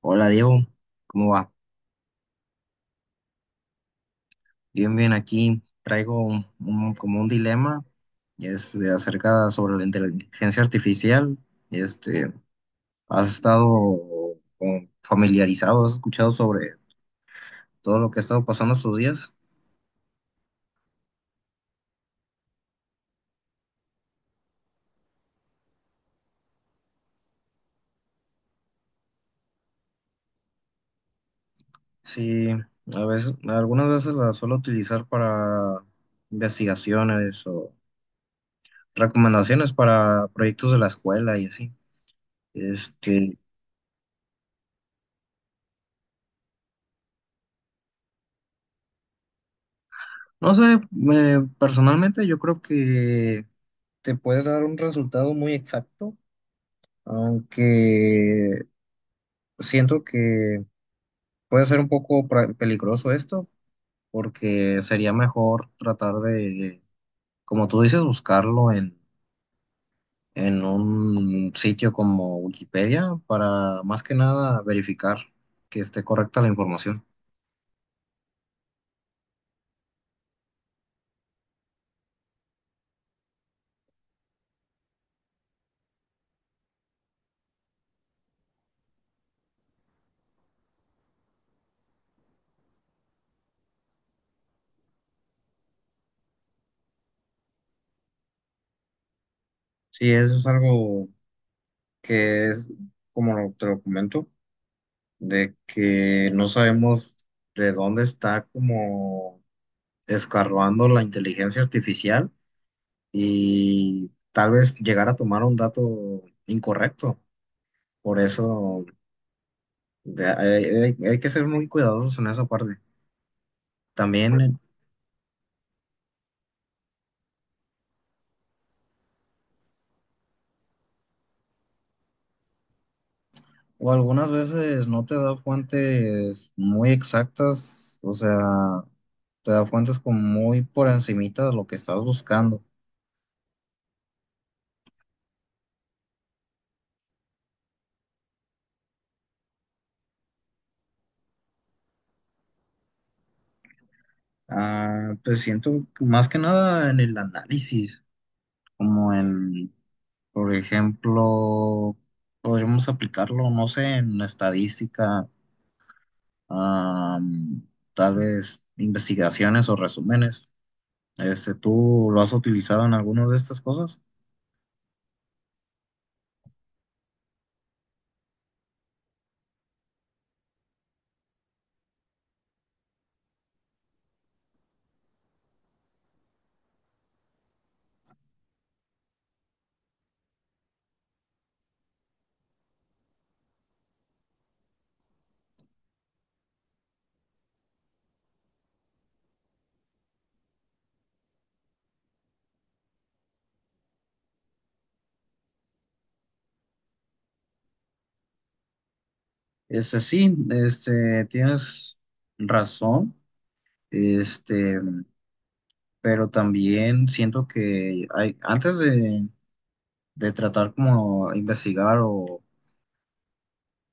Hola Diego, ¿cómo va? Bien, bien, aquí traigo como un dilema, y es de acerca sobre la inteligencia artificial. Este, ¿Has estado como familiarizado, has escuchado sobre todo lo que ha estado pasando estos días? Sí, a veces, algunas veces la suelo utilizar para investigaciones o recomendaciones para proyectos de la escuela y así. Este, no sé, personalmente yo creo que te puede dar un resultado muy exacto, aunque siento que puede ser un poco peligroso esto, porque sería mejor tratar de, como tú dices, buscarlo en un sitio como Wikipedia, para más que nada verificar que esté correcta la información. Sí, eso es algo que es, como te lo comento, de que no sabemos de dónde está como escarbando la inteligencia artificial y tal vez llegar a tomar un dato incorrecto. Por eso hay que ser muy cuidadosos en esa parte. También, o algunas veces no te da fuentes muy exactas, o sea, te da fuentes como muy por encimita de lo que estás buscando. Ah, pues siento que más que nada en el análisis, como en por ejemplo, podríamos aplicarlo, no sé, en estadística, am, tal vez investigaciones o resúmenes. ¿Tú lo has utilizado en alguna de estas cosas? Sí, tienes razón, este, pero también siento que hay, antes de tratar como investigar o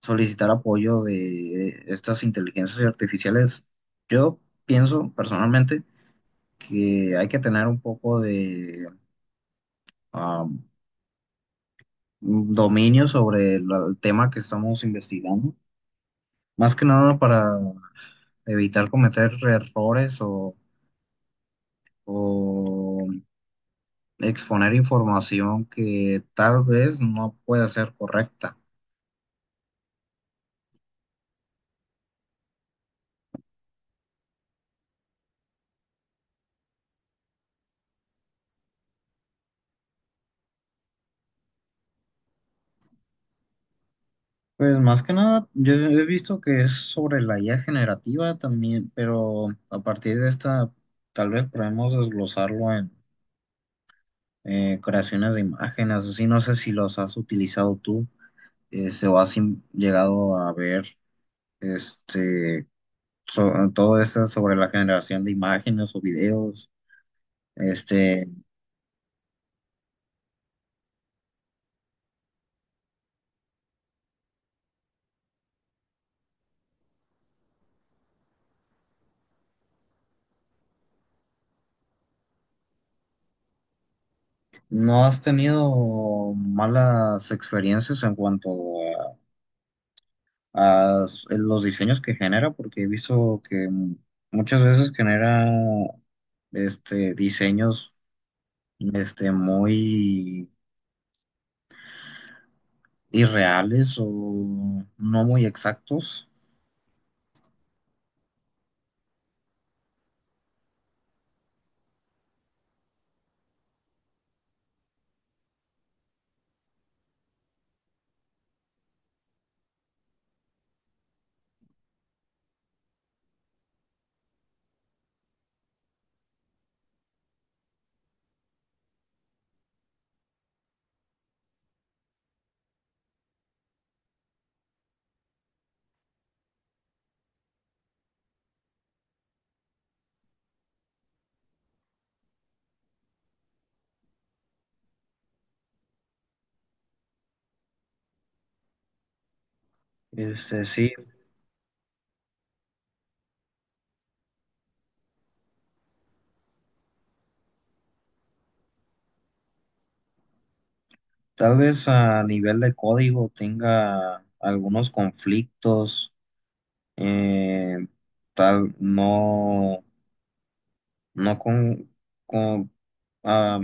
solicitar apoyo de estas inteligencias artificiales, yo pienso personalmente que hay que tener un poco de am, dominio sobre el tema que estamos investigando, más que nada para evitar cometer errores o exponer información que tal vez no pueda ser correcta. Pues más que nada, yo he visto que es sobre la IA generativa también, pero a partir de esta, tal vez podemos desglosarlo en creaciones de imágenes, así no sé si los has utilizado tú. Sebastián llegado a ver este, todo eso sobre la generación de imágenes o videos. Este, ¿No has tenido malas experiencias en cuanto a, los diseños que genera? Porque he visto que muchas veces genera diseños muy irreales o no muy exactos. Este, sí, Tal vez a nivel de código tenga algunos conflictos, eh, tal no, no con, con, ah,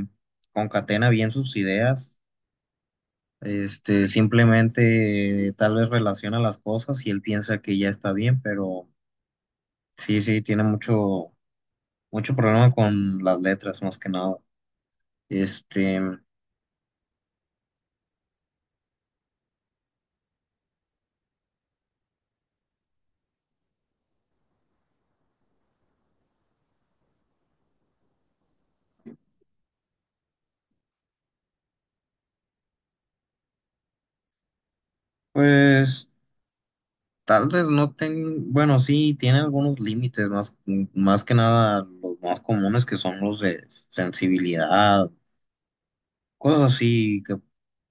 concatena bien sus ideas, simplemente tal vez relaciona las cosas y él piensa que ya está bien, pero sí, sí, tiene mucho problema con las letras más que nada. Este, pues. Tal vez no ten, bueno, sí, tiene algunos límites, más que nada los más comunes, que son los de sensibilidad, cosas así que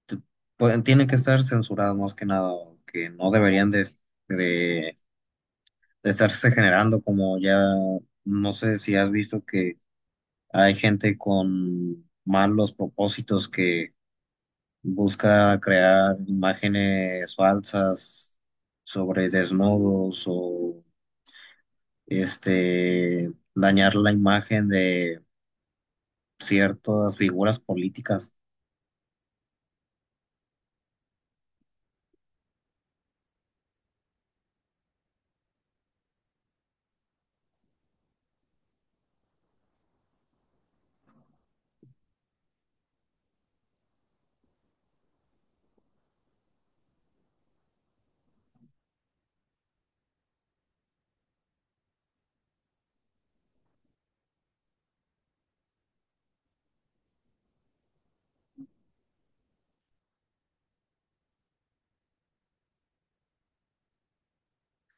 te- tienen que estar censuradas más que nada, que no deberían de, de- de estarse generando como ya. No sé si has visto que hay gente con malos propósitos que busca crear imágenes falsas sobre desnudos o dañar la imagen de ciertas figuras políticas.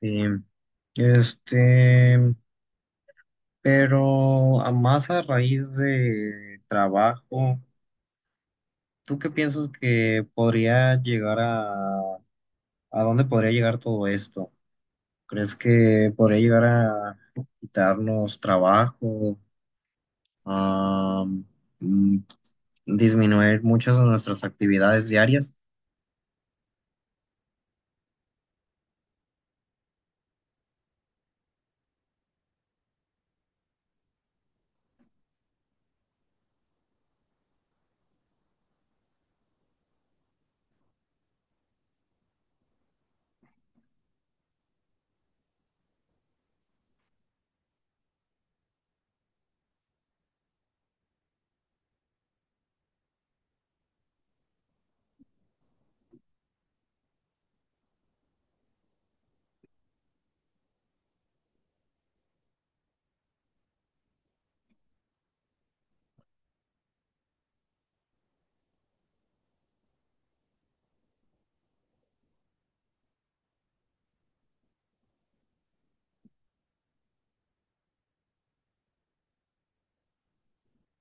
Sí. Este, pero a más a raíz de trabajo, ¿tú qué piensas que podría llegar a dónde podría llegar todo esto? ¿Crees que podría llegar a quitarnos trabajo, a mm, disminuir muchas de nuestras actividades diarias?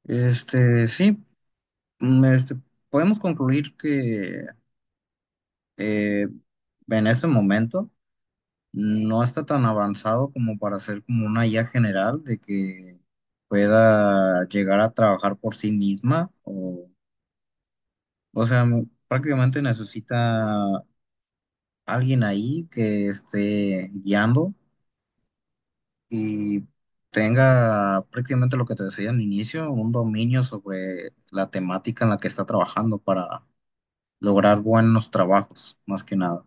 Sí, mm, este, podemos concluir que eh, en este momento no está tan avanzado como para ser como una IA general, de que pueda llegar a trabajar por sí misma. O sea, prácticamente necesita alguien ahí que esté guiando y tenga prácticamente lo que te decía al inicio, un dominio sobre la temática en la que está trabajando, para lograr buenos trabajos, más que nada.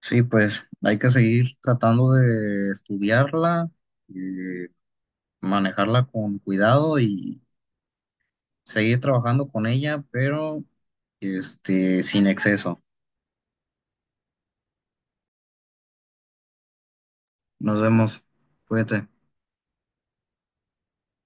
Sí, pues hay que seguir tratando de estudiarla, eh, manejarla con cuidado y seguir trabajando con ella, pero sin exceso. Nos vemos. Cuídate.